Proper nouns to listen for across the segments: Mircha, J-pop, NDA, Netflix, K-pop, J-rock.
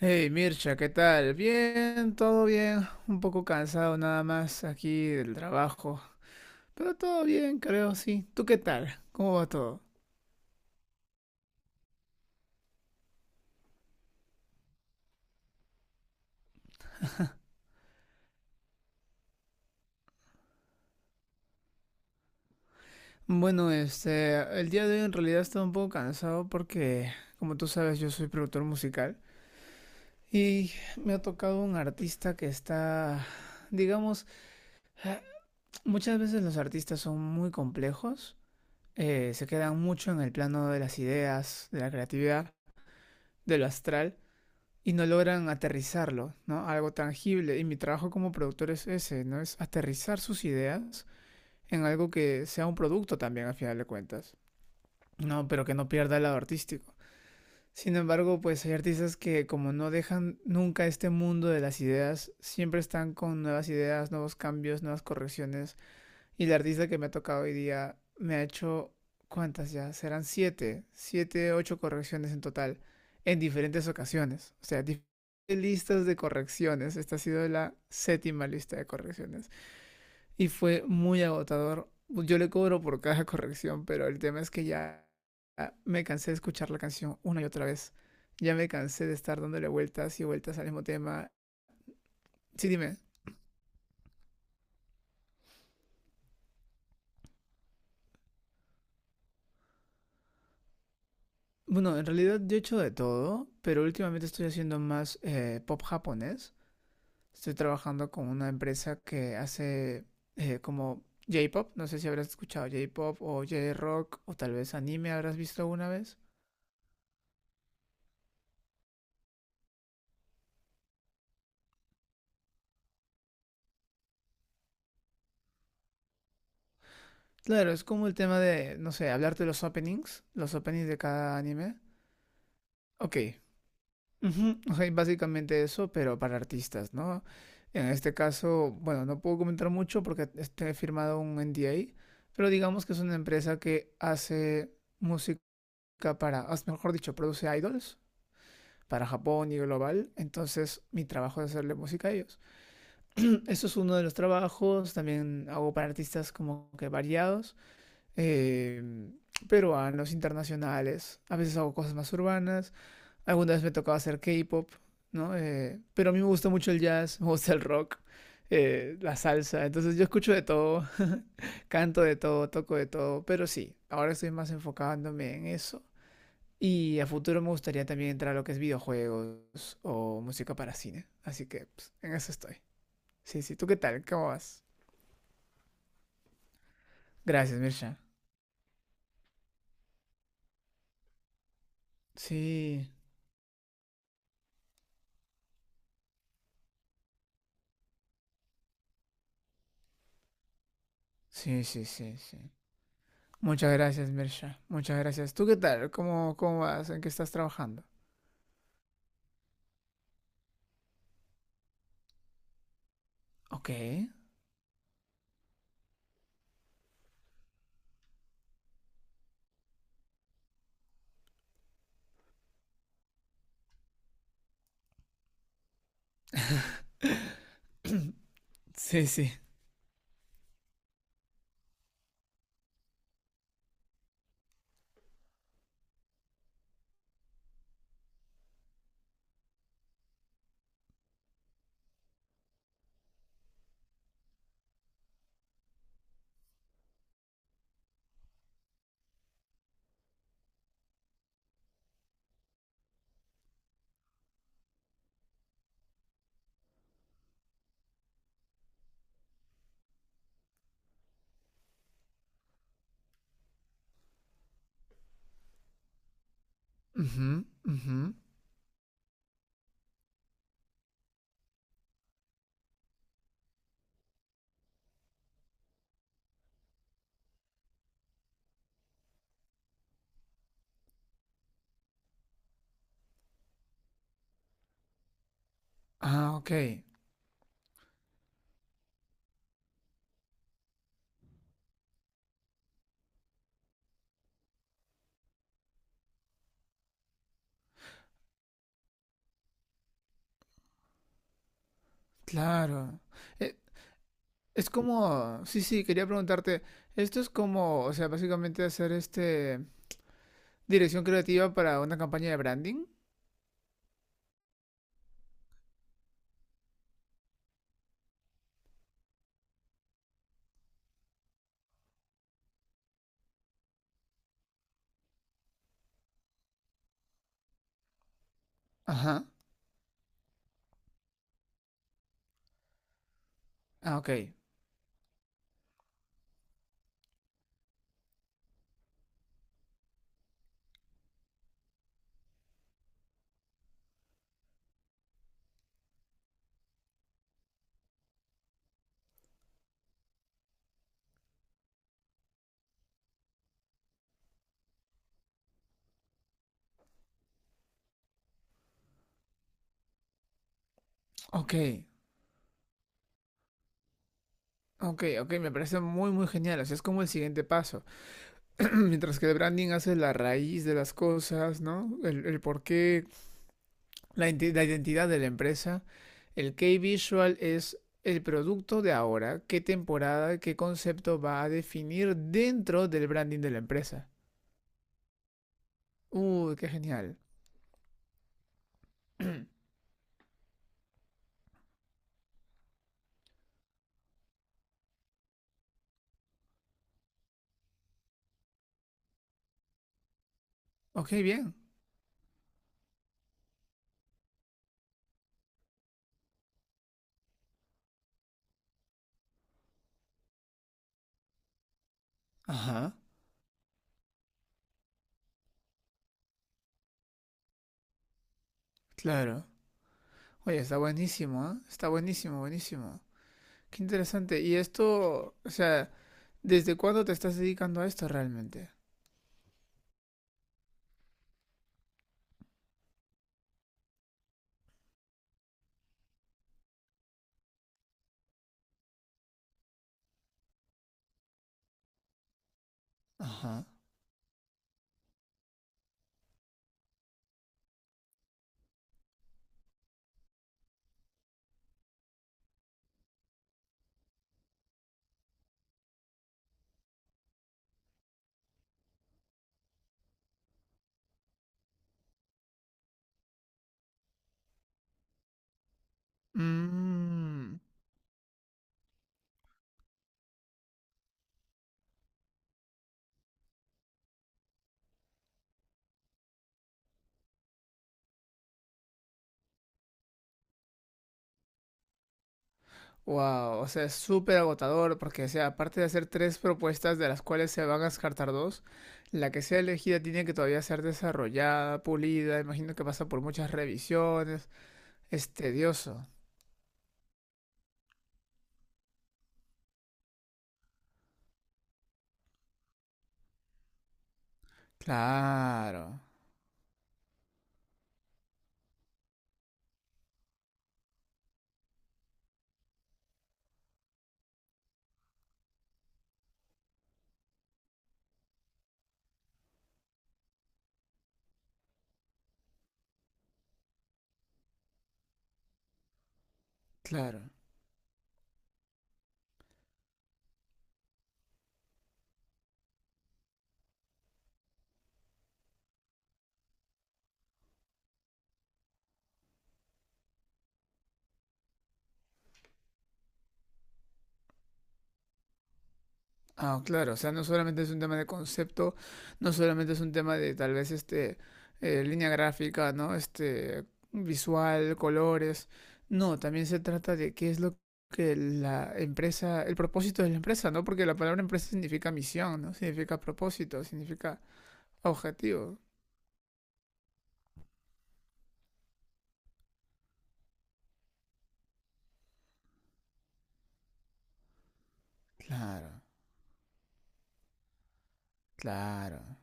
Hey Mircha, ¿qué tal? Bien, todo bien. Un poco cansado nada más aquí del trabajo. Pero todo bien, creo, sí. ¿Tú qué tal? ¿Cómo va todo? Bueno, este, el día de hoy en realidad estaba un poco cansado porque, como tú sabes, yo soy productor musical y me ha tocado un artista que está, digamos, muchas veces los artistas son muy complejos, se quedan mucho en el plano de las ideas, de la creatividad, de lo astral. Y no logran aterrizarlo, ¿no? Algo tangible. Y mi trabajo como productor es ese, ¿no? Es aterrizar sus ideas en algo que sea un producto también, al final de cuentas. No, pero que no pierda el lado artístico. Sin embargo, pues hay artistas que como no dejan nunca este mundo de las ideas, siempre están con nuevas ideas, nuevos cambios, nuevas correcciones y la artista que me ha tocado hoy día me ha hecho, ¿cuántas ya? Serán siete, siete, ocho correcciones en total, en diferentes ocasiones. O sea, diferentes listas de correcciones. Esta ha sido la séptima lista de correcciones. Y fue muy agotador. Yo le cobro por cada corrección, pero el tema es que ya me cansé de escuchar la canción una y otra vez. Ya me cansé de estar dándole vueltas y vueltas al mismo tema. Sí, dime. Bueno, en realidad yo he hecho de todo, pero últimamente estoy haciendo más pop japonés. Estoy trabajando con una empresa que hace como J-pop. No sé si habrás escuchado J-pop o J-rock o tal vez anime habrás visto alguna vez. Claro, es como el tema de, no sé, hablarte de los openings de cada anime. Ok. Ujú, ok, básicamente eso, pero para artistas, ¿no? En este caso, bueno, no puedo comentar mucho porque este, he firmado un NDA, pero digamos que es una empresa que hace música para, mejor dicho, produce idols para Japón y global, entonces mi trabajo es hacerle música a ellos. Eso es uno de los trabajos, también hago para artistas como que variados, eh, peruanos, internacionales, a veces hago cosas más urbanas, alguna vez me tocaba hacer K-pop, ¿no? Pero a mí me gusta mucho el jazz, me gusta el rock, la salsa, entonces yo escucho de todo, canto de todo, toco de todo, pero sí, ahora estoy más enfocándome en eso. Y a futuro me gustaría también entrar a lo que es videojuegos o música para cine. Así que pues, en eso estoy. Sí, sí. ¿Tú qué tal? ¿Cómo vas? Gracias, Mirsha. Sí, sí, sí, sí, sí. Muchas gracias, Mirsha. Muchas gracias. ¿Tú qué tal? ¿Cómo vas? ¿En qué estás trabajando? Ok. Sí, sí. Ujú, ujú. Ah, ok. Claro. Eh, Es como, sí, sí, quería preguntarte, esto es como, o sea, básicamente hacer este dirección creativa para una campaña de branding. Ajá. Ah, ok. Ok. Ok, ok, me parece muy, muy genial. O sea, es como el siguiente paso. Mientras que el branding hace la raíz de las cosas, ¿no? El porqué, la, la identidad de la empresa. El key visual es el producto de ahora, qué temporada, qué concepto va a definir dentro del branding de la empresa. Uy, qué genial. Ok, bien. Ajá, claro. Oye, está buenísimo, ¿ah? Está buenísimo, buenísimo. Qué interesante. Y esto, o sea… ¿Desde cuándo te estás dedicando a esto realmente? Ajá. Mmm. Wow, o sea, es súper agotador porque, o sea, aparte de hacer tres propuestas de las cuales se van a descartar dos, la que sea elegida tiene que todavía ser desarrollada, pulida, imagino que pasa por muchas revisiones, es tedioso. Claro, claro. Ah, claro, o sea, no solamente es un tema de concepto, no solamente es un tema de tal vez línea gráfica, ¿no? Este visual, colores. No, también se trata de qué es lo que la empresa, el propósito de la empresa, ¿no? Porque la palabra empresa significa misión, ¿no? Significa propósito, significa objetivo. Claro, claro,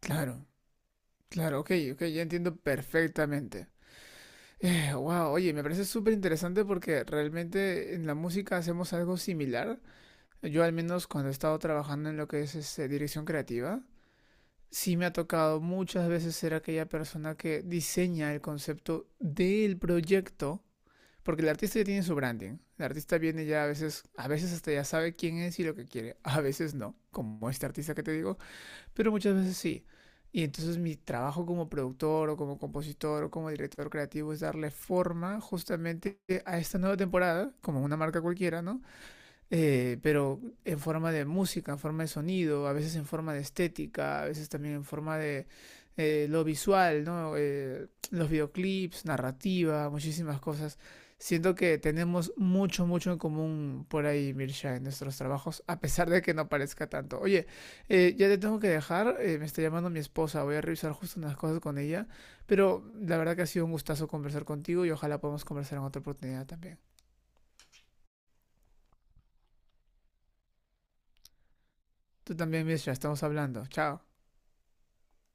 claro, claro, ok, ok, ya entiendo perfectamente. Wow, oye, me parece súper interesante porque realmente en la música hacemos algo similar. Yo al menos cuando he estado trabajando en lo que es este, dirección creativa, sí me ha tocado muchas veces ser aquella persona que diseña el concepto del proyecto, porque el artista ya tiene su branding. El artista viene ya a veces hasta ya sabe quién es y lo que quiere, a veces no, como este artista que te digo, pero muchas veces sí. Y entonces mi trabajo como productor o como compositor o como director creativo es darle forma justamente a esta nueva temporada, como una marca cualquiera, ¿no? Pero en forma de música, en forma de sonido, a veces en forma de estética, a veces también en forma de lo visual, ¿no? Los videoclips, narrativa, muchísimas cosas. Siento que tenemos mucho, mucho en común por ahí, Mirsha, en nuestros trabajos, a pesar de que no parezca tanto. Oye, ya te tengo que dejar, me está llamando mi esposa, voy a revisar justo unas cosas con ella, pero la verdad que ha sido un gustazo conversar contigo y ojalá podamos conversar en otra oportunidad también. Tú también, Mirsha, estamos hablando. Chao.